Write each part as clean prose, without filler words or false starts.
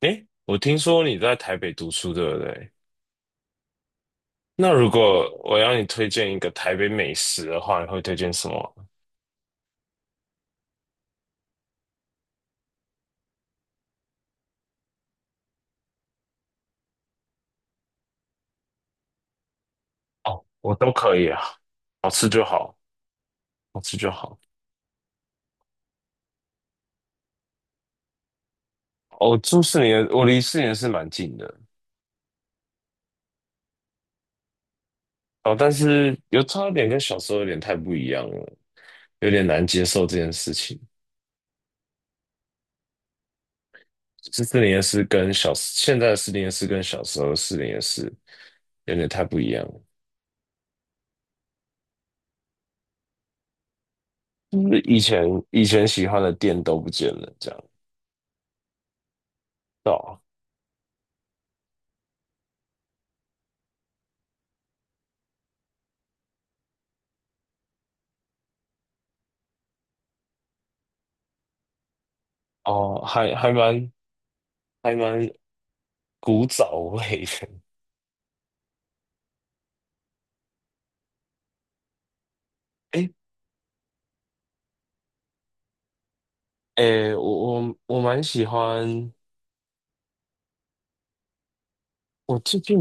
诶，我听说你在台北读书，对不对？那如果我要你推荐一个台北美食的话，你会推荐什么？哦，我都可以啊，好吃就好，好吃就好。哦，住四年，我离四年是蛮近的。哦，但是有差点跟小时候有点太不一样了，有点难接受这件事情。是四年是跟小，现在的四年是跟小时候的四年是有点太不一样了。就是以前喜欢的店都不见了，这样。对啊。哦，还蛮古早味的。诶诶，我蛮喜欢。我最近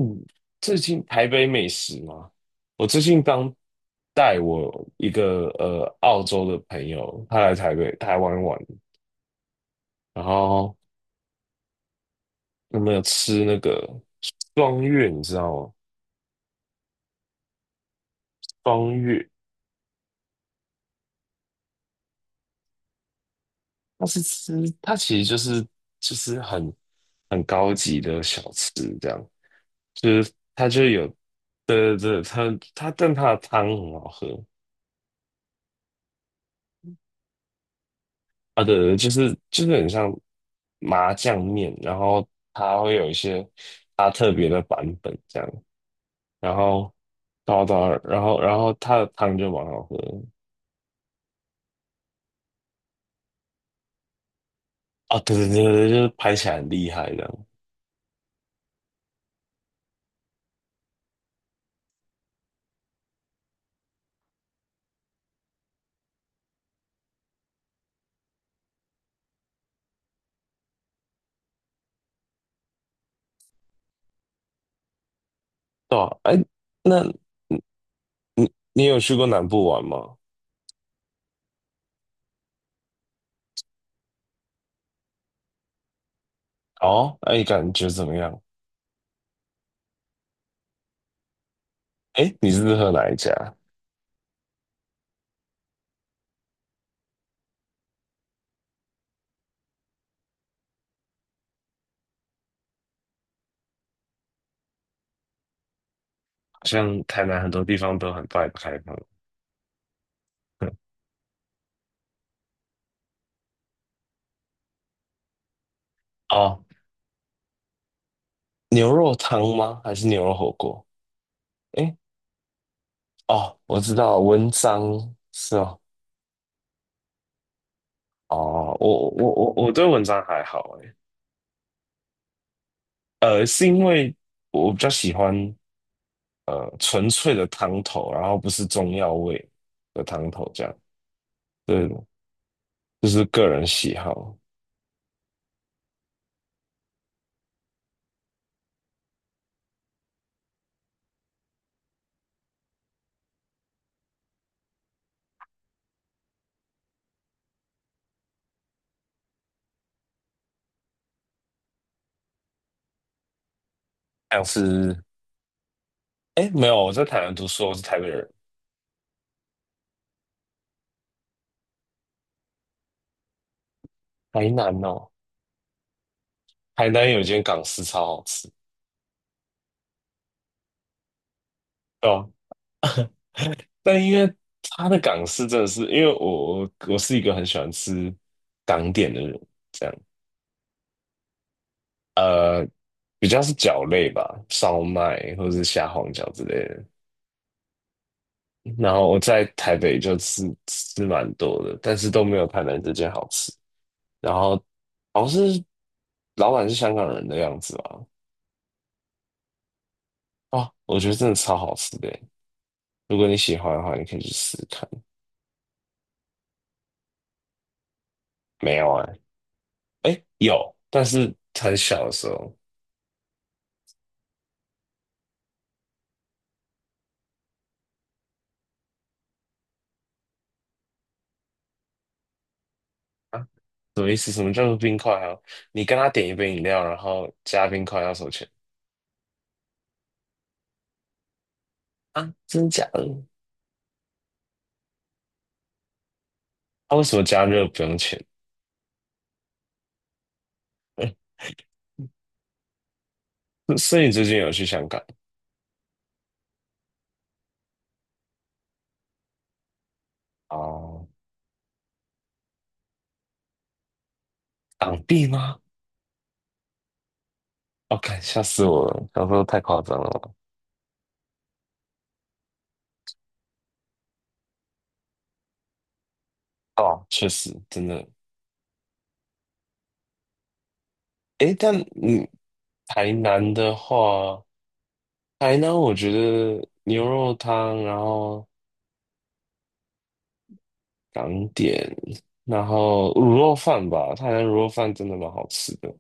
最近台北美食嘛，我最近刚带我一个澳洲的朋友，他来台北台湾玩，然后有没有吃那个双月？你知道吗？双月，它是吃，它其实就是很高级的小吃这样。就是它就有，对对对，它它但它的汤很好喝。啊，对对，就是很像麻酱面，然后它会有一些它特别的版本这样，然后，然后它的汤就蛮好喝的。啊，对对对对，就是拍起来很厉害这样，对啊，哎，那你有去过南部玩吗？哦，哎，感觉怎么样？哎，你是喝哪一家？好像台南很多地方都很快开放。哦，牛肉汤吗？还是牛肉火锅？诶，哦，我知道，文章是哦，哦，我对文章还好诶，是因为我比较喜欢纯粹的汤头，然后不是中药味的汤头这样，对，就是个人喜好。像是诶，没有，我在台南读书，我是台北人，台南哦，台南有一间港式超好吃，对吧？但因为它的港式真的是，因为我是一个很喜欢吃港点的人，这样。呃比较是饺类吧，烧麦或者是虾皇饺之类的。然后我在台北就吃吃蛮多的，但是都没有台南这间好吃。然后好像是老板是香港人的样子吧？哦，我觉得真的超好吃的耶。如果你喜欢的话，你可以去试试看。没有啊，哎，有，但是很小的时候。啊，什么意思？什么叫做冰块啊？你跟他点一杯饮料，然后加冰块要收钱。啊？真假的？他、为什么加热不用钱？所以你最近有去香港？哦，港币吗？哦，看吓死我了！想说太夸张了吧？哦，确实，真的。诶，但你台南的话，台南我觉得牛肉汤，然后港点，然后卤肉饭吧，台南卤肉饭真的蛮好吃的。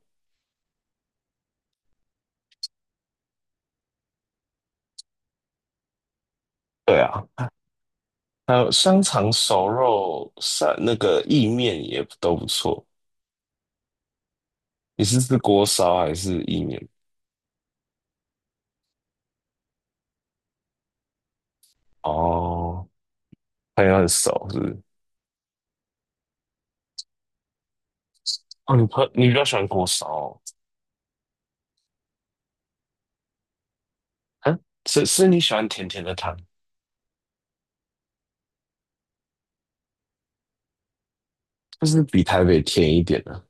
对啊。还有香肠、熟肉、散那个意面也都不错。你是吃锅烧还是意面？哦，朋友很熟是不是？哦，你比较喜欢锅烧哦？啊，是。是你喜欢甜甜的汤，就是比台北甜一点的、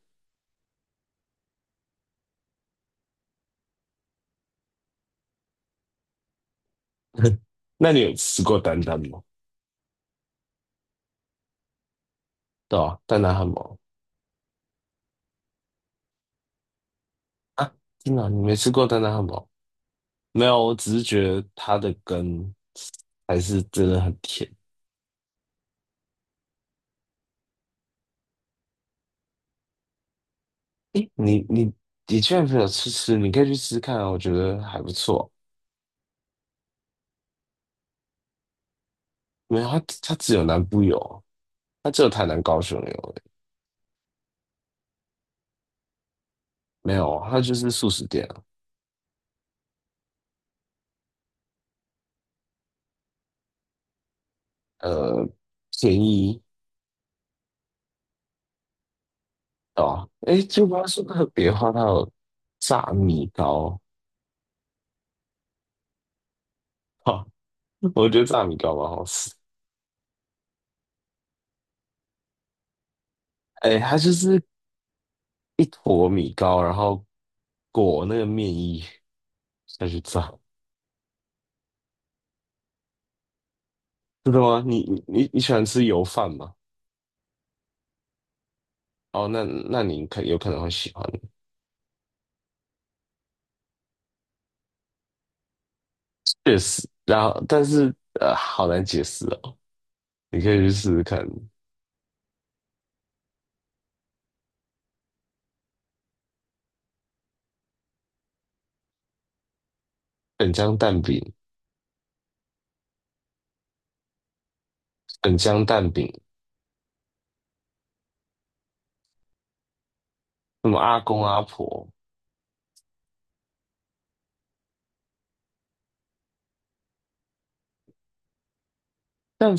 那你有吃过丹丹吗？对啊，丹丹汉堡。啊，真的啊你没吃过丹丹汉堡？没有，我只是觉得它的根还是真的很甜。诶，你居然没有吃，你可以去吃看啊，我觉得还不错。没有，他只有南部有，他只有台南、高雄有，没有，他就是素食店啊。呃，便宜。哦，哎，就不要说特别的话，它有炸米糕，哈、我觉得炸米糕蛮好吃，哎，它就是一坨米糕，然后裹那个面衣再去炸，真的吗？你喜欢吃油饭吗？哦，那那你可有可能会喜欢，确实，然后但是好难解释哦，你可以去试试看。粉浆蛋饼、粉浆蛋饼，什么阿公阿婆，但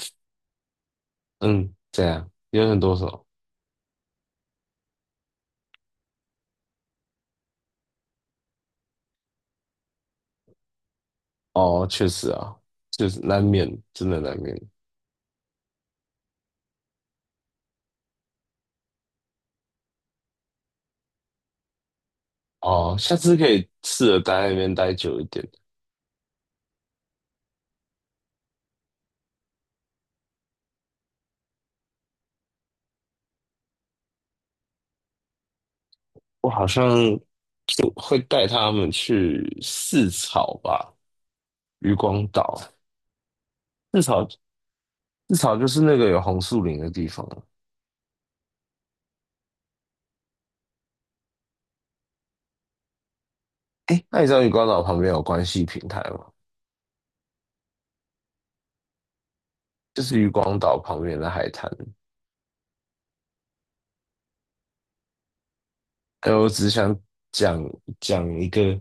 嗯，这样有很多种。哦，确实啊，就是难免，真的难免。哦。下次可以试着待在那边待久一点。我好像就会带他们去四草吧，渔光岛。四草，四草就是那个有红树林的地方啊。哎，那你知道渔光岛旁边有关系平台吗？就是渔光岛旁边的海滩。哎，我只想讲讲一个，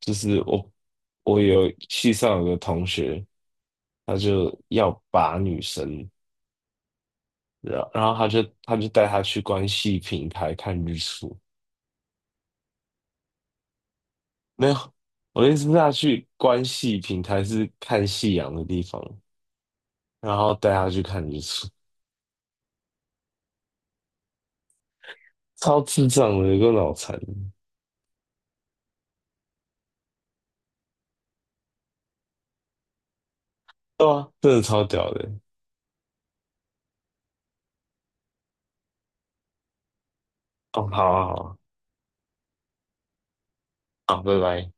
就是我系上有个同学，他就要把女生，然后他就带她去关系平台看日出，没有，我的意思是他去关系平台是看夕阳的地方，然后带她去看日出，超智障的，有个脑残，对啊，真的超屌的。哦，好啊，好啊，好，拜拜。